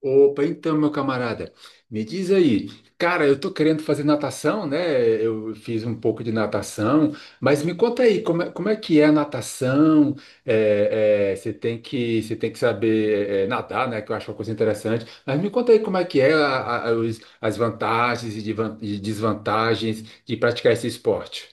Opa, então, meu camarada, me diz aí, cara, eu tô querendo fazer natação, né? Eu fiz um pouco de natação, mas me conta aí, como é que é a natação? Você tem que saber nadar, né? Que eu acho uma coisa interessante. Mas me conta aí como é que é as vantagens e desvantagens de praticar esse esporte.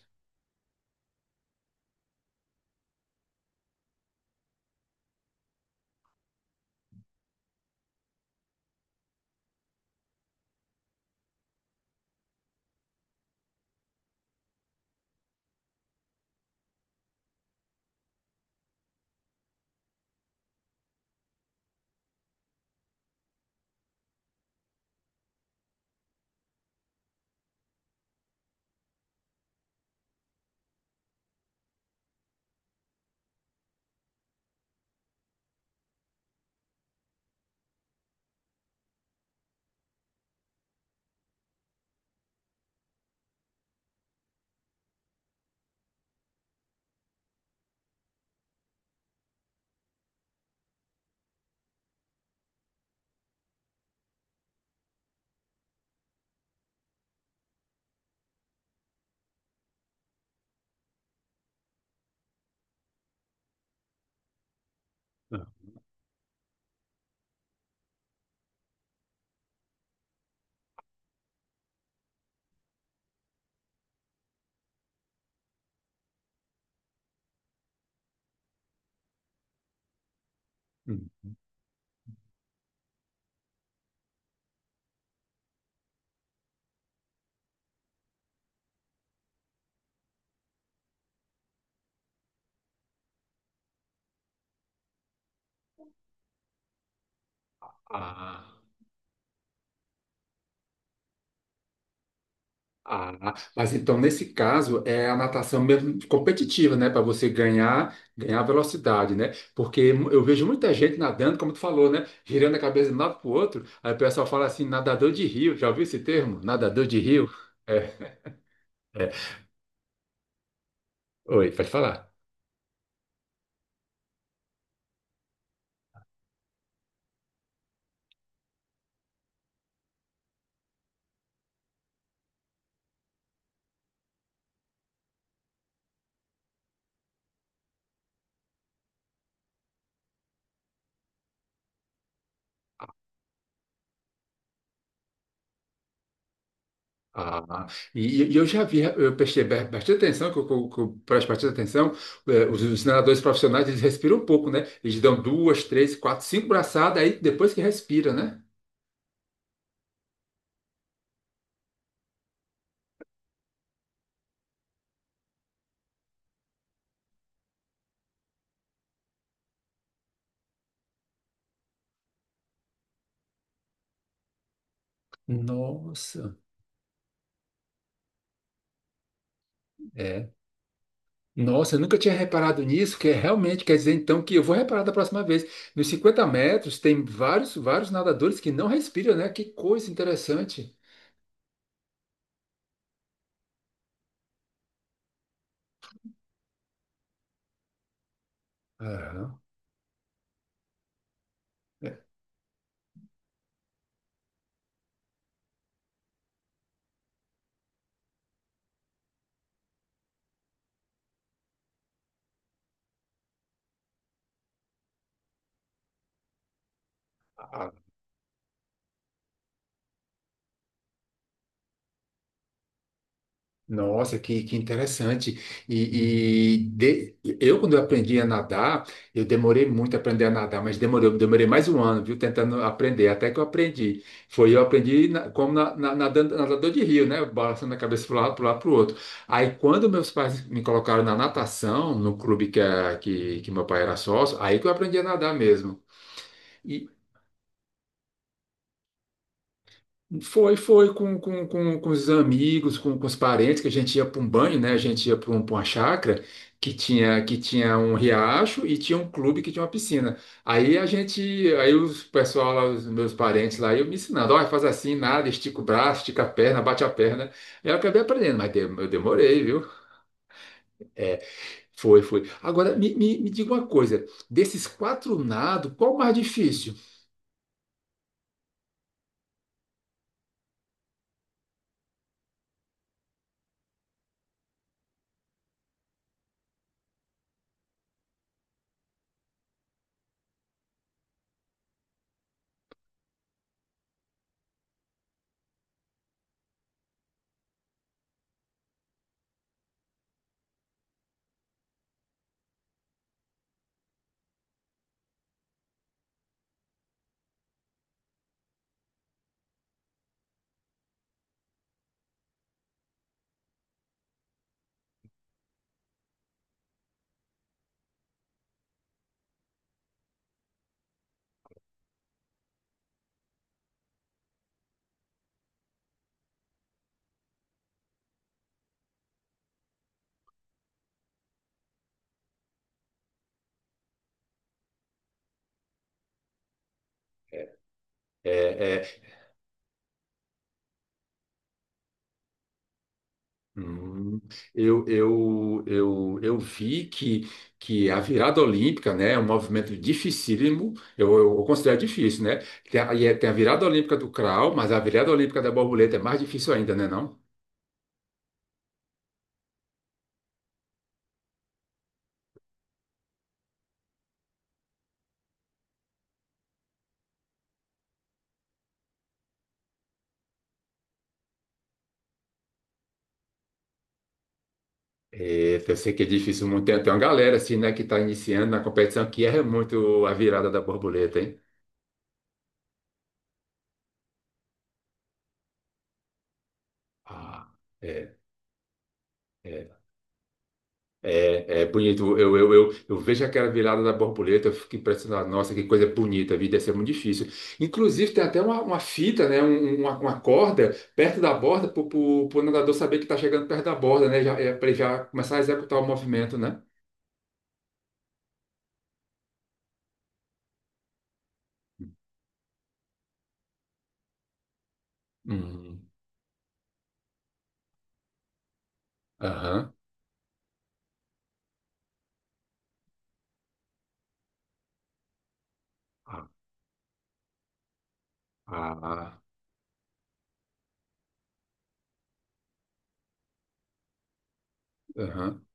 Ah. Hum. Ah. Ah, mas então nesse caso é a natação mesmo competitiva, né? Para você ganhar velocidade, né? Porque eu vejo muita gente nadando, como tu falou, né? Girando a cabeça de um lado para o outro. Aí o pessoal fala assim, nadador de rio. Já ouviu esse termo? Nadador de rio? É, é. Oi, pode falar. Ah, eu já vi, eu prestei bastante atenção, que eu presto bastante atenção, os nadadores profissionais, eles respiram um pouco, né? Eles dão duas, três, quatro, cinco braçadas, aí depois que respira, né? Nossa, é. Nossa, eu nunca tinha reparado nisso, que é realmente quer dizer então que eu vou reparar da próxima vez. Nos 50 metros tem vários, vários nadadores que não respiram, né? Que coisa interessante. Aham. É. Nossa, que interessante. E eu, quando eu aprendi a nadar, eu demorei muito a aprender a nadar, mas demorei mais um ano, viu, tentando aprender, até que eu aprendi. Foi, eu aprendi como nadando, nadador de rio, né? Balançando a cabeça para um lado, para lado, para o outro. Aí, quando meus pais me colocaram na natação, no clube que, que meu pai era sócio, aí que eu aprendi a nadar mesmo. Foi, foi com os amigos, com os parentes, que a gente ia para um banho, né? A gente ia pra uma chácara que tinha um riacho e tinha um clube que tinha uma piscina. Aí a gente, aí os pessoal lá, os meus parentes lá, eu me ensinando, olha, faz assim, nada, estica o braço, estica a perna, bate a perna. Eu acabei aprendendo, mas eu demorei, viu? Foi, foi. Agora, me diga uma coisa, desses quatro nados, qual o mais difícil? É, é. Hum. Eu vi que a virada olímpica, né, é um movimento dificílimo, eu considero difícil, né? Tem a virada olímpica do crawl, mas a virada olímpica da borboleta é mais difícil ainda, né, não? Eita, eu sei que é difícil muito. Tem uma galera assim, né, que está iniciando na competição que erra muito a virada da borboleta, hein? Ah, é. É, é bonito. Eu vejo aquela virada da borboleta, eu fico impressionado. Nossa, que coisa bonita, a vida deve ser muito difícil. Inclusive, tem até uma fita, né? Uma corda perto da borda para o nadador saber que está chegando perto da borda, né? Já, é, para ele já começar a executar o movimento, né? Hum. Aham. Ah, ah, aham.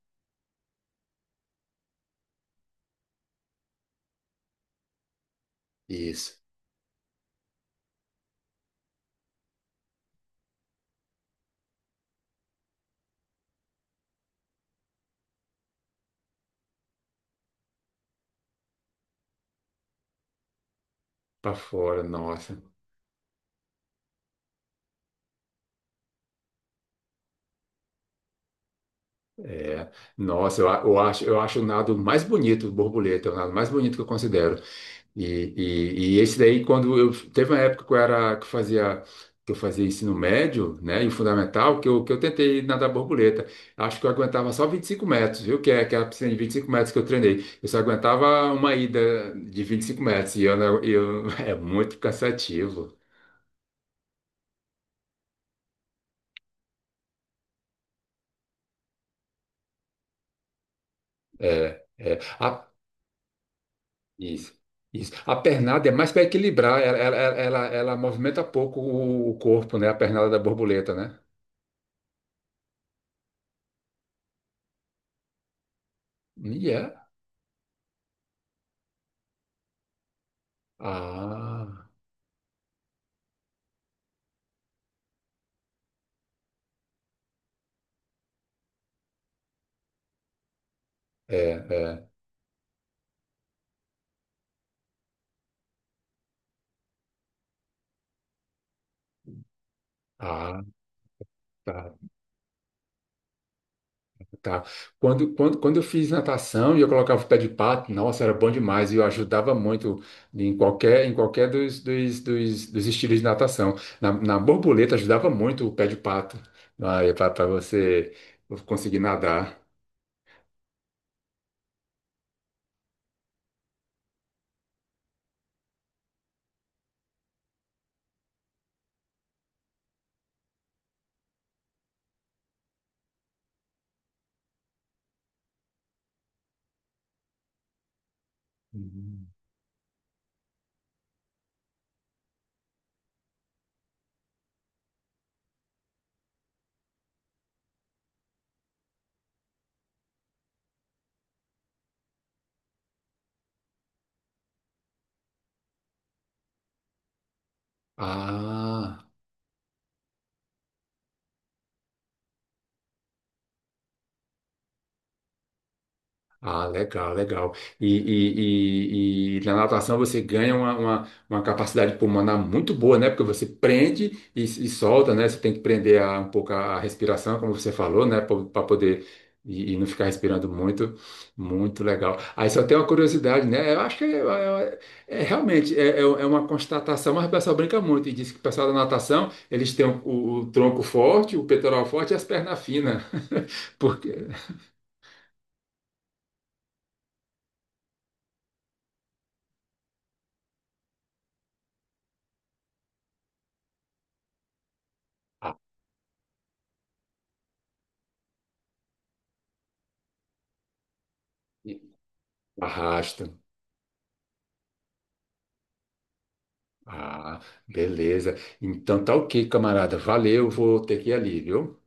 Isso. Para fora, nossa. É. Nossa, eu acho o nado mais bonito, borboleta, é o nado mais bonito que eu considero. E esse daí, quando eu teve uma época que eu fazia ensino médio, né, e o fundamental, que eu tentei nadar borboleta. Acho que eu aguentava só 25 metros, viu? Que é aquela piscina de 25 metros que eu treinei. Eu só aguentava uma ida de 25 metros e eu, não- eu é muito cansativo. É, é. A, isso, isso. A pernada é mais para equilibrar, ela movimenta pouco o corpo, né? A pernada da borboleta, né? E é. Ah, é. É. Ah, tá, tá. Quando eu fiz natação e eu colocava o pé de pato, nossa, era bom demais e eu ajudava muito em qualquer dos estilos de natação. Na borboleta ajudava muito o pé de pato para você conseguir nadar. Uhum. Ah. Ah, legal, legal. E na natação você ganha uma capacidade pulmonar muito boa, né? Porque você prende e solta, né? Você tem que prender um pouco a respiração, como você falou, né? Para poder e não ficar respirando muito. Muito legal. Aí só tem uma curiosidade, né? Eu acho que é realmente é uma constatação, mas o pessoal brinca muito e diz que o pessoal da natação eles têm o tronco forte, o peitoral forte e as pernas finas. Porque arrasta. Ah, beleza. Então tá ok, camarada. Valeu, vou ter que ir ali, viu?